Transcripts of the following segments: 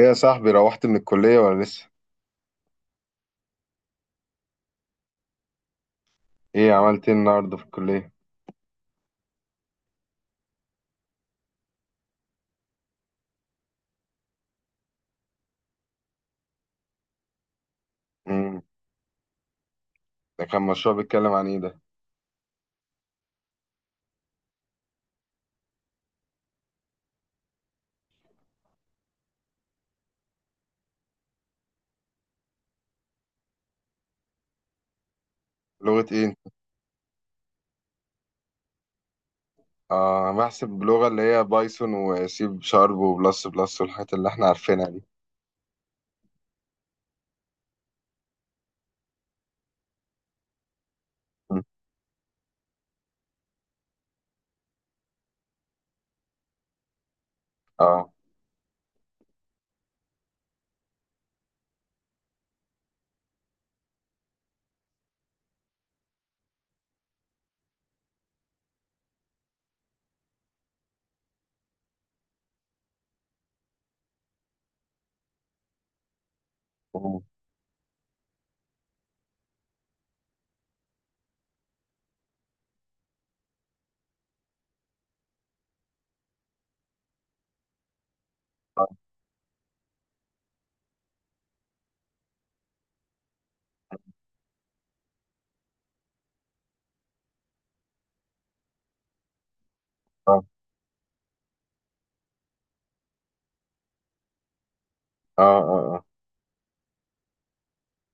ايه يا صاحبي روحت من الكلية ولا لسه؟ ايه عملت ايه النهاردة في الكلية؟ امم. ده كان مشروع بيتكلم عن ايه ده؟ لغة ايه؟ انت؟ اه، بحسب بلغة اللي هي بايثون وسي شارب وبلس بلس والحاجات اللي احنا عارفينها دي. مم. اه. مم. اه اه اه اه.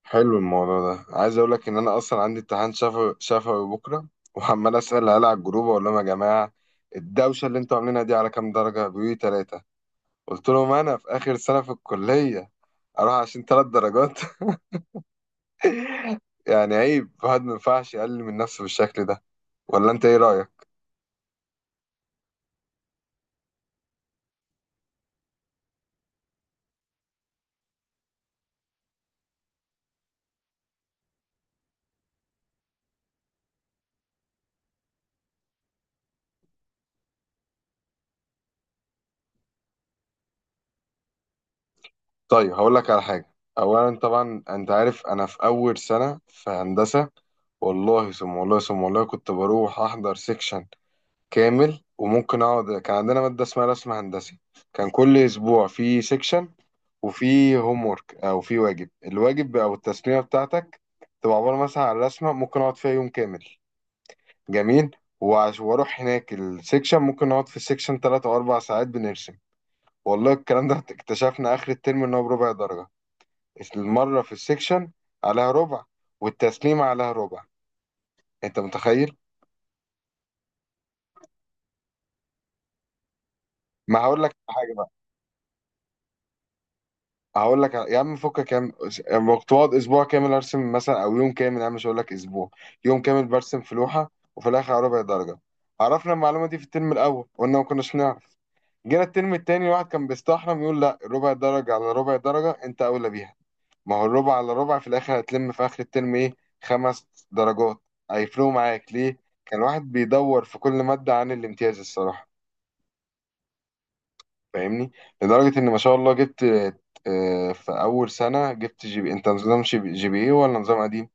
حلو الموضوع ده، عايز اقول لك ان انا اصلا عندي امتحان شفوي شفوي بكرة، وعمال اسأل العيال على الجروب، اقول لهم يا جماعة الدوشة اللي انتوا عاملينها دي على كام درجة؟ بيقولوا لي تلاتة. قلت لهم انا في اخر سنة في الكلية اروح عشان تلات درجات؟ يعني عيب، الواحد ما ينفعش يقلل من نفسه بالشكل ده، ولا انت ايه رأيك؟ طيب هقول لك على حاجة. اولا طبعا انت عارف انا في اول سنة في هندسة، والله ثم والله ثم والله كنت بروح احضر سيكشن كامل، وممكن اقعد. كان عندنا مادة اسمها رسم هندسي، كان كل اسبوع في سيكشن، وفي هوم ورك او في واجب. الواجب او التسليمة بتاعتك تبقى عبارة مثلا عن رسمة ممكن اقعد فيها يوم كامل. جميل. واروح هناك السيكشن، ممكن اقعد في السيكشن 3 او 4 ساعات بنرسم. والله الكلام ده اكتشفنا آخر الترم إن هو بربع درجة. المرة في السكشن عليها ربع، والتسليم عليها ربع. أنت متخيل؟ ما هقول لك على حاجة بقى. هقول لك على- يا عم فكك يا عم. أما كنت بقعد أسبوع كامل أرسم، مثلا أو يوم كامل، يا عم مش هقول لك أسبوع، يوم كامل برسم في لوحة، وفي الآخر على ربع درجة. عرفنا المعلومة دي في الترم الأول، قلنا ما كناش نعرف. جينا الترم التاني واحد كان بيستحرم يقول لا، ربع درجة على ربع درجة أنت أولى بيها. ما هو الربع على ربع في الاخر هتلم في اخر الترم ايه؟ خمس درجات، هيفرقوا معاك ليه؟ كان واحد بيدور في كل مادة عن الامتياز الصراحة، فاهمني؟ لدرجة ان ما شاء الله جبت في اول سنة جبت جي بي إيه. انت نظام جي بي ايه ولا نظام قديم؟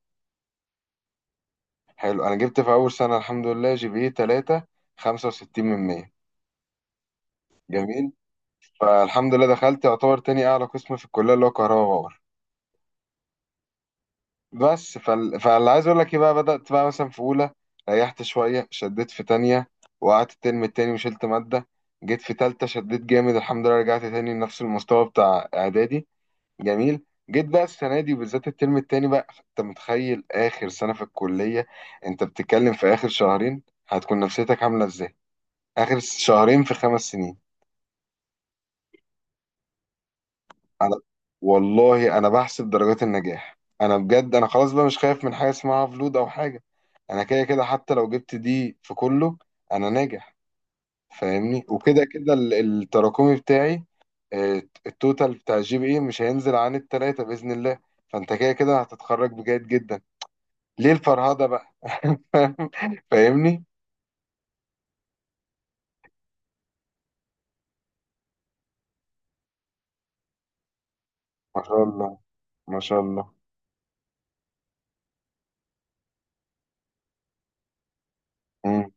حلو. انا جبت في اول سنة الحمد لله جي بي ايه 3 65 من 100. جميل. فالحمد لله دخلت، يعتبر تاني اعلى قسم في الكلية اللي هو كهرباء باور. بس فاللي عايز اقول لك ايه بقى، بدأت بقى مثلا في اولى، ريحت شوية، شديت في تانية، وقعدت الترم التاني وشلت مادة. جيت في تالتة شديت جامد الحمد لله، رجعت تاني لنفس المستوى بتاع اعدادي. جميل. جيت بقى السنة دي وبالذات الترم التاني بقى، انت متخيل اخر سنة في الكلية، انت بتتكلم في اخر شهرين، هتكون نفسيتك عاملة ازاي؟ اخر شهرين في خمس سنين. انا والله انا بحسب درجات النجاح، انا بجد انا خلاص بقى مش خايف من حاجه اسمها فلود او حاجه. انا كده كده حتى لو جبت دي في كله انا ناجح، فاهمني؟ وكده كده التراكمي بتاعي آه، التوتال بتاع الجي بي اي مش هينزل عن التلاتة باذن الله. فانت كده كده هتتخرج بجيد جدا، ليه الفرهده بقى؟ فاهمني؟ ما شاء الله، ما شاء الله. مم.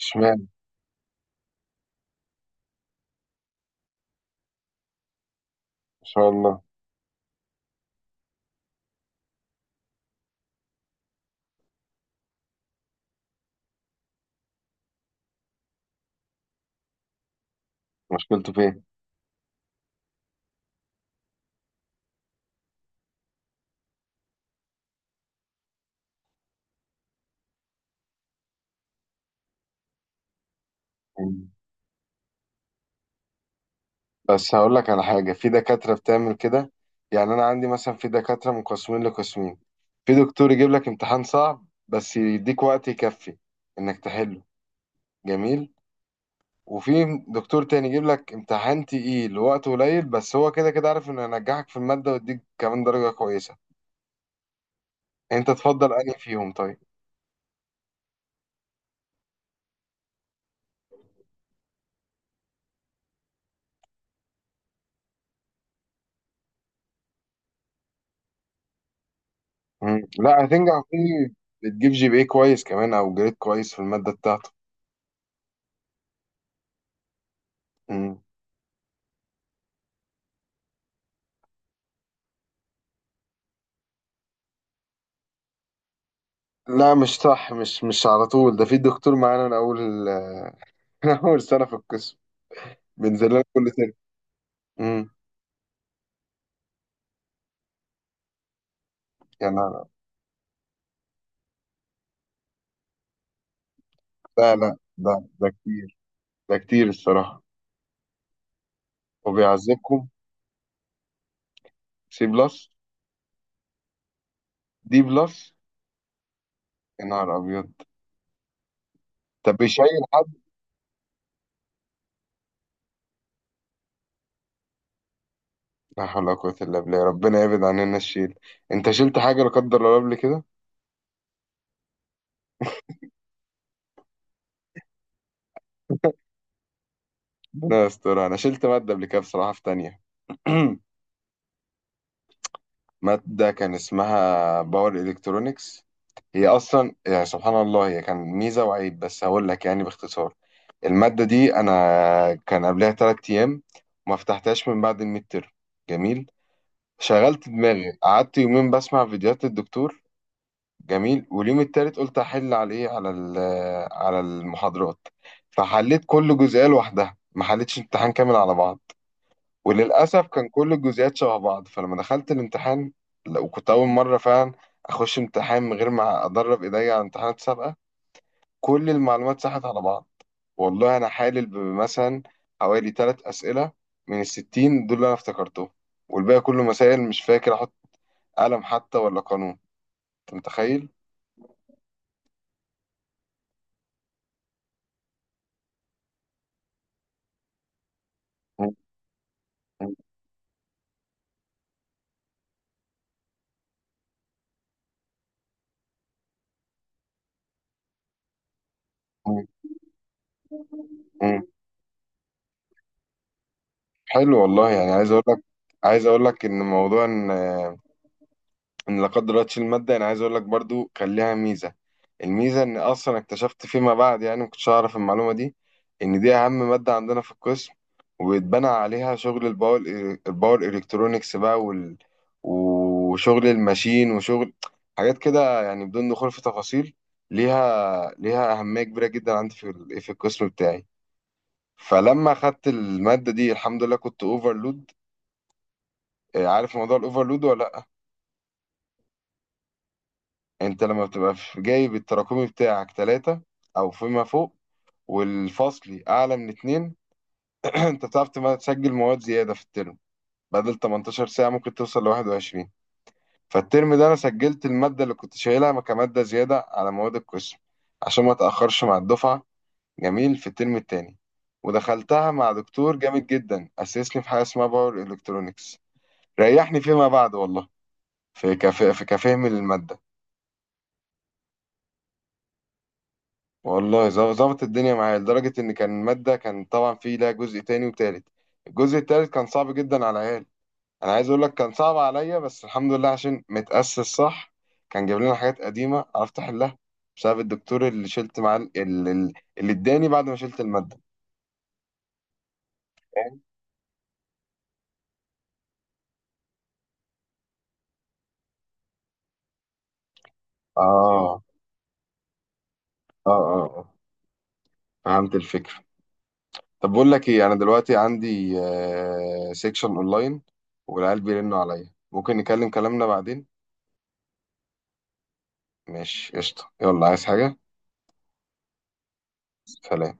اشمعنى؟ ما شاء الله. مشكلته فين؟ بس هقول لك على حاجة، في دكاترة بتعمل كده. يعني أنا عندي مثلا في دكاترة من قسمين لقسمين. في دكتور يجيب لك امتحان صعب بس يديك وقت يكفي إنك تحله، جميل. وفي دكتور تاني يجيب لك امتحان تقيل وقت قليل، بس هو كده كده عارف إنه ينجحك في المادة ويديك كمان درجة كويسة. أنت تفضل أنهي فيهم طيب؟ مم. لا هتنجح فيه، بتجيب جي بي اي كويس كمان أو جريد كويس في المادة بتاعته. مم. لا مش صح، مش على طول. ده في دكتور معانا من أول أول سنة في القسم، بينزل لنا كل ترم. امم. يعني أنا- لا لا، ده كتير. ده كتير الصراحة، وبيعذبكم. سي بلس. دي بلس. يا نهار أبيض. طب بيشيل حد؟ لا حول ولا قوة إلا بالله، ربنا يبعد عننا الشيل. أنت شلت حاجة لا قدر الله قبل كده؟ ربنا يستر. أنا شلت مادة قبل كده بصراحة في تانية. مادة كان اسمها باور إلكترونكس، هي أصلا يعني سبحان الله هي كان ميزة وعيب، بس هقول لك يعني باختصار. المادة دي أنا كان قبلها تلات أيام ما فتحتهاش من بعد الميد تيرم. جميل. شغلت دماغي، قعدت يومين بسمع فيديوهات الدكتور. جميل. واليوم التالت قلت أحل على إيه، على ال- على المحاضرات. فحليت كل جزئية لوحدها، ما حليتش امتحان كامل على بعض. وللأسف كان كل الجزئيات شبه بعض، فلما دخلت الامتحان، لا، وكنت أول مرة فعلا أخش امتحان من غير ما أدرب إيديا على امتحانات سابقة، كل المعلومات ساحت على بعض. والله انا حالل بمثلا حوالي ثلاث اسئله من الستين دول اللي انا افتكرتهم، والباقي كله مسائل مش فاكر احط قلم حتى ولا قانون. انت متخيل؟ مم. مم. مم. حلو والله، يعني عايز اقول لك، عايز اقول لك ان موضوع إن لا قدر الله تشيل ماده، انا عايز اقول لك برضو كان ليها ميزه. الميزه ان اصلا اكتشفت فيما بعد، يعني ما كنتش اعرف المعلومه دي، ان دي اهم ماده عندنا في القسم، واتبنى عليها شغل الباور، الباور الكترونكس بقى وشغل الماشين وشغل حاجات كده، يعني بدون دخول في تفاصيل. ليها اهميه كبيره جدا عندي في ال- في القسم بتاعي. فلما اخدت الماده دي الحمد لله كنت اوفرلود. عارف موضوع الاوفرلود ولا لأ؟ انت لما بتبقى في جايب التراكمي بتاعك ثلاثة او فيما فوق، والفصلي اعلى من اتنين، انت بتعرف تسجل مواد زيادة في الترم، بدل 18 ساعة ممكن توصل ل 21. فالترم ده انا سجلت المادة اللي كنت شايلها كمادة زيادة على مواد القسم، عشان ما اتأخرش مع الدفعة. جميل. في الترم التاني ودخلتها مع دكتور جامد جدا، اسسني في حاجة اسمها باور الكترونكس. ريحني فيما بعد والله، في كفهم للمادة. والله ظبط الدنيا معايا، لدرجة إن كان مادة، كان طبعا فيه لها جزء تاني وتالت. الجزء التالت كان صعب جدا على العيال، أنا عايز أقول لك كان صعب عليا، بس الحمد لله عشان متأسس صح، كان جايب لنا حاجات قديمة عرفت أحلها، بسبب الدكتور اللي شلت معاه اللي إداني بعد ما شلت المادة. فاهم؟ آه آه آه آه. فهمت الفكرة. طب بقول لك إيه، أنا دلوقتي عندي سيكشن أونلاين، والعيال بيرنوا عليا، ممكن نكلم كلامنا بعدين. ماشي قشطة، يلا عايز حاجة؟ سلام.